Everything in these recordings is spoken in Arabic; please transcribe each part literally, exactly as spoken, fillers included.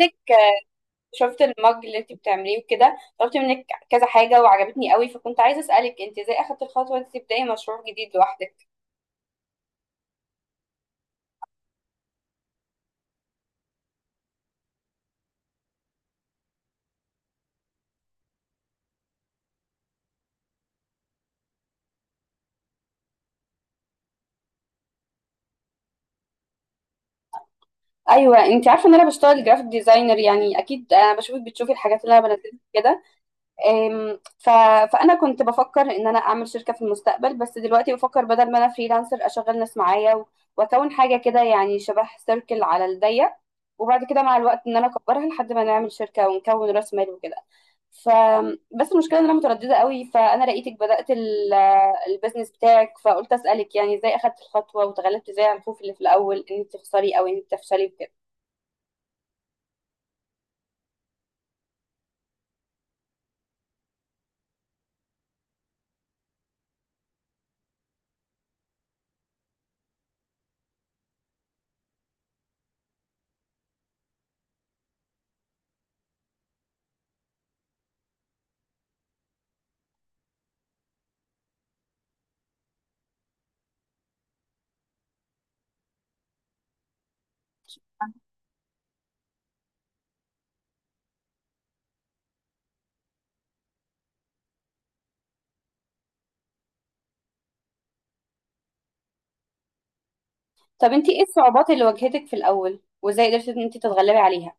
منك. شفت المج اللي انت بتعمليه وكده، طلبت منك كذا حاجة وعجبتني قوي، فكنت عايزة أسألك انت ازاي اخدت الخطوة دي تبدأي مشروع جديد لوحدك؟ ايوه انت عارفة ان انا بشتغل جرافيك ديزاينر، يعني اكيد انا بشوفك بتشوفي الحاجات اللي انا بنزلها كده. أم، ف... فانا كنت بفكر ان انا اعمل شركة في المستقبل، بس دلوقتي بفكر بدل ما انا فريلانسر اشغل ناس معايا و... واكون حاجة كده، يعني شبه سيركل على الضيق، وبعد كده مع الوقت ان انا اكبرها لحد ما نعمل شركة ونكون راس مال وكده. ف بس المشكله ان انا متردده قوي، فانا لقيتك بدات ال- البيزنس بتاعك، فقلت اسالك يعني ازاي اخدت الخطوه وتغلبت ازاي على الخوف اللي في الاول ان انت تخسري او ان انت تفشلي بكده. طب انت ايه الصعوبات اللي واجهتك في الاول وازاي قدرتي ان انت تتغلبي عليها؟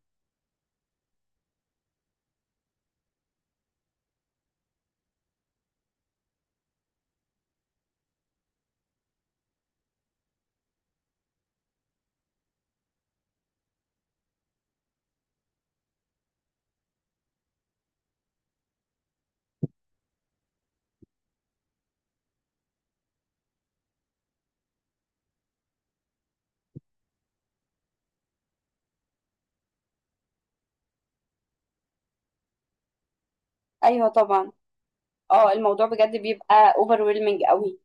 ايوه طبعا. اه الموضوع بجد بيبقى اوفر ويلمنج قوي.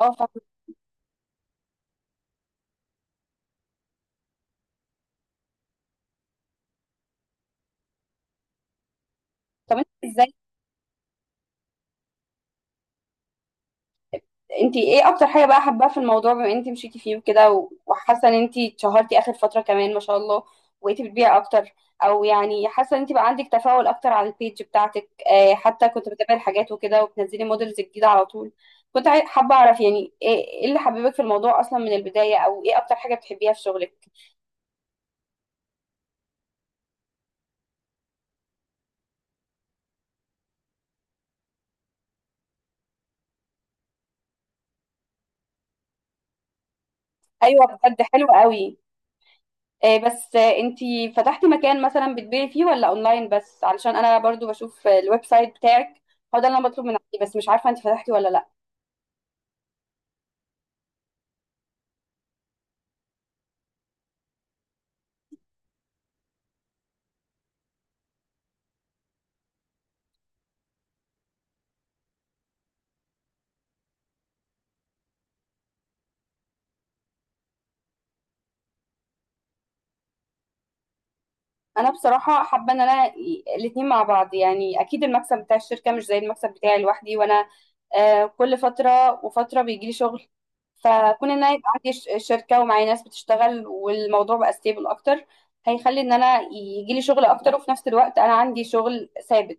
اه فاهمة. طب انت ازاي، انتي ايه اكتر حاجة بقى حابة في الموضوع، بما انتي مشيتي فيه وكده، و- وحاسة ان انتي اتشهرتي اخر فترة كمان ما شاء الله وبقيتي بتبيعي اكتر، او يعني حاسة ان انتي بقى عندك تفاعل اكتر على البيج بتاعتك، آه حتى كنت بتابعي الحاجات وكده وبتنزلي موديلز جديدة على طول. كنت عاي- حابة اعرف يعني ايه، ايه اللي حببك في الموضوع اصلا من البداية، او ايه اكتر حاجة بتحبيها في شغلك؟ ايوه بجد حلو قوي. آه بس آه انتي فتحتي مكان مثلا بتبيعي فيه ولا اونلاين بس؟ علشان انا برضو بشوف آه، الويب سايت بتاعك، هو ده اللي انا بطلب من عندي، بس مش عارفة انتي فتحتي ولا لا. انا بصراحه حابه ان انا الاتنين مع بعض، يعني اكيد المكسب بتاع الشركه مش زي المكسب بتاعي لوحدي، وانا آه، كل فتره وفتره بيجي لي شغل، فكون ان انا يبقى عندي ش- شركه ومعايا ناس بتشتغل والموضوع بقى ستيبل اكتر، هيخلي ان انا يجي لي شغل اكتر، وفي نفس الوقت انا عندي شغل ثابت.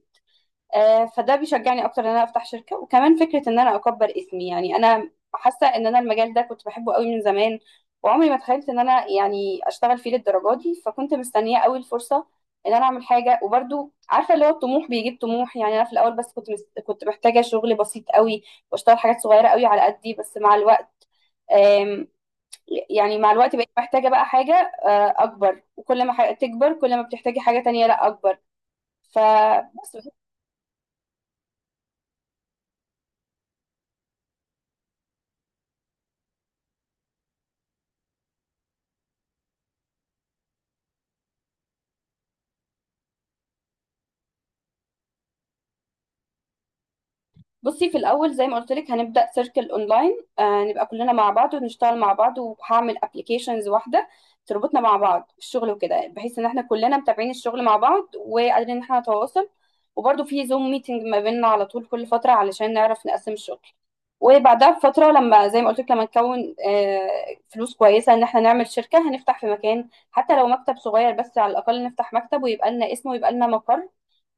آه، فده بيشجعني اكتر ان انا افتح شركه، وكمان فكره ان انا اكبر اسمي. يعني انا حاسه ان انا المجال ده كنت بحبه قوي من زمان، وعمري ما تخيلت ان انا يعني اشتغل فيه للدرجه دي، فكنت مستنيه قوي الفرصه ان انا اعمل حاجه. وبرده عارفه اللي هو الطموح بيجيب طموح، يعني انا في الاول بس كنت مس... كنت محتاجه شغل بسيط قوي واشتغل حاجات صغيره قوي على قدي، بس مع الوقت، آم، يعني مع الوقت بقيت محتاجه بقى حاجه آه، اكبر، وكل ما حاجة تكبر كل ما بتحتاجي حاجه تانية لا اكبر. فبس بصي في الاول زي ما قلت لك هنبدا سيركل اونلاين، آه نبقى كلنا مع بعض ونشتغل مع بعض، وهعمل ابلكيشنز واحده تربطنا مع بعض في الشغل وكده، بحيث ان احنا كلنا متابعين الشغل مع بعض وقادرين ان احنا نتواصل، وبرده في زوم ميتنج ما بيننا على طول كل فتره علشان نعرف نقسم الشغل. وبعدها بفتره، لما زي ما قلت لك لما نكون آه فلوس كويسه ان احنا نعمل شركه، هنفتح في مكان حتى لو مكتب صغير، بس على الاقل نفتح مكتب ويبقى لنا اسم ويبقى لنا مقر،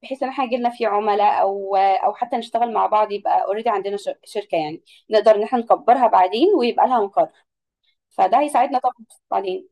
بحيث ان احنا يجيلنا فيه عملاء او او حتى نشتغل مع بعض، يبقى اوريدي عندنا شر- شركه يعني، نقدر ان احنا نكبرها بعدين ويبقى لها مقر، فده هيساعدنا طبعا بعدين.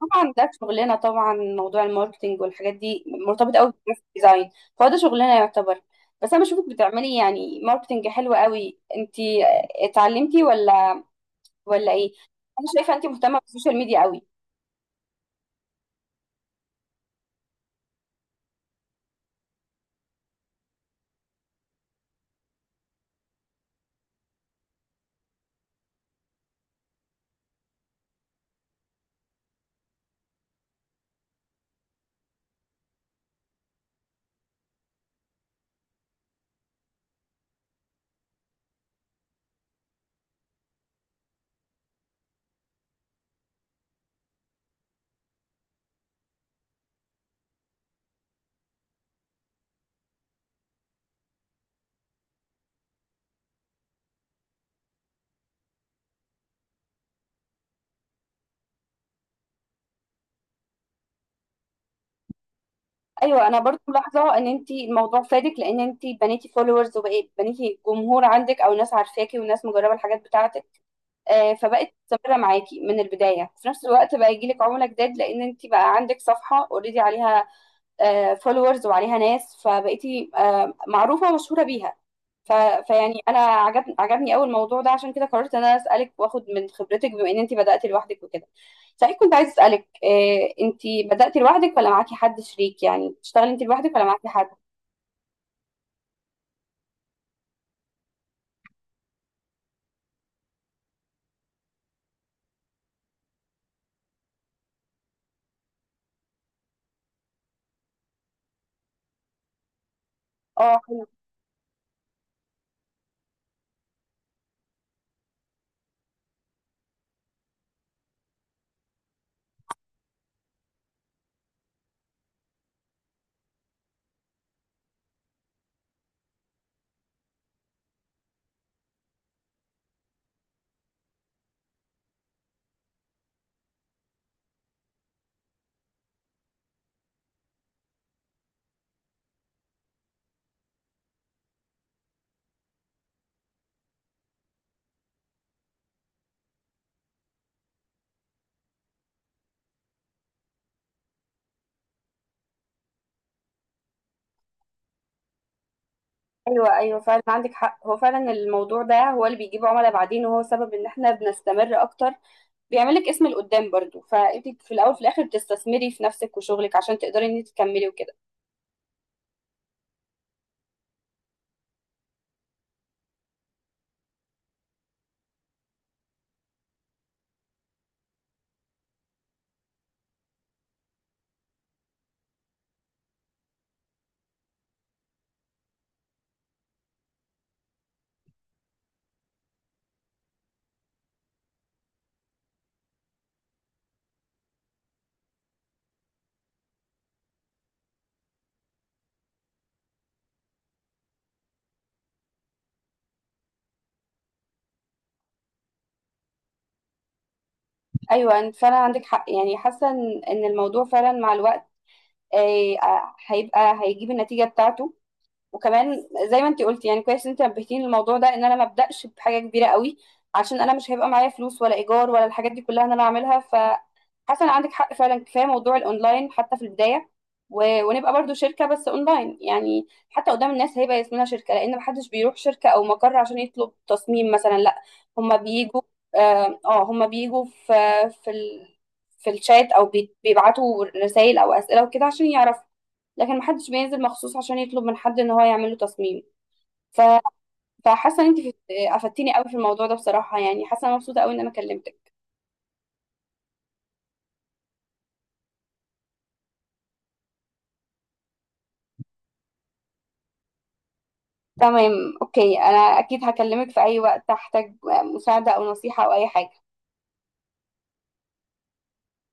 طبعا ده شغلنا، طبعا موضوع الماركتينج والحاجات دي مرتبط قوي بالجرافيك ديزاين، فهو ده شغلنا يعتبر. بس انا بشوفك بتعملي يعني ماركتينج حلو قوي، انت اتعلمتي ولا ولا ايه؟ انا شايفه انت مهتمه بالسوشيال ميديا قوي. ايوه انا برضو ملاحظه ان انت الموضوع فادك، لان انت بنيتي فولورز وبقيت بنيتي جمهور عندك، او ناس عارفاكي وناس مجربه الحاجات بتاعتك، آه، فبقت مستمره معاكي من البدايه، في نفس الوقت بقى يجيلك عملاء جداد لان انت بقى عندك صفحه اوريدي عليها فولورز وعليها ناس، فبقيتي آه، معروفة ومشهورة بيها. ف... فيعني انا عجب... عجبني قوي الموضوع ده، عشان كده قررت ان انا اسالك واخد من خبرتك بما ان انت بدات لوحدك وكده. صحيح كنت عايز اسالك آه، انت بدات لوحدك ولا معاكي حد شريك؟ يعني بتشتغلي انت لوحدك ولا معاكي حد؟ اه. ايوه ايوه فعلا عندك حق، هو فعلا الموضوع ده هو اللي بيجيب عملاء بعدين، وهو سبب ان احنا بنستمر اكتر، بيعمل لك اسم لقدام برضو، فانت في الاول في الاخر بتستثمري في نفسك وشغلك عشان تقدري ان انت تكملي وكده. ايوه انت فعلا عندك حق، يعني حاسه ان إن الموضوع فعلا مع الوقت آه، آه، هيبقى هيجيب النتيجه بتاعته. وكمان زي ما انت قلتي، يعني كويس انت نبهتيني للموضوع ده ان انا ما ابداش بحاجه كبيره قوي، عشان انا مش هيبقى معايا فلوس ولا ايجار ولا الحاجات دي كلها ان انا اعملها. ف حسن عندك حق فعلا، كفايه موضوع الاونلاين حتى في البدايه، و... ونبقى برضو شركه بس اونلاين. يعني حتى قدام الناس هيبقى اسمنا شركه، لان محدش بيروح شركه او مقر عشان يطلب تصميم مثلا، لا هما بيجوا، اه آه، هما بيجوا في في ال... في الشات، او بي- بيبعتوا رسائل او اسئله وكده عشان يعرفوا، لكن محدش بينزل مخصوص عشان يطلب من حد ان هو يعمل له تصميم. ف... فحاسه ان انت في- افدتيني قوي في الموضوع ده بصراحه، يعني حاسه أنا مبسوطه قوي ان انا كلمتك. تمام، اوكي انا اكيد هكلمك في اي وقت احتاج مساعده او نصيحه او اي حاجه.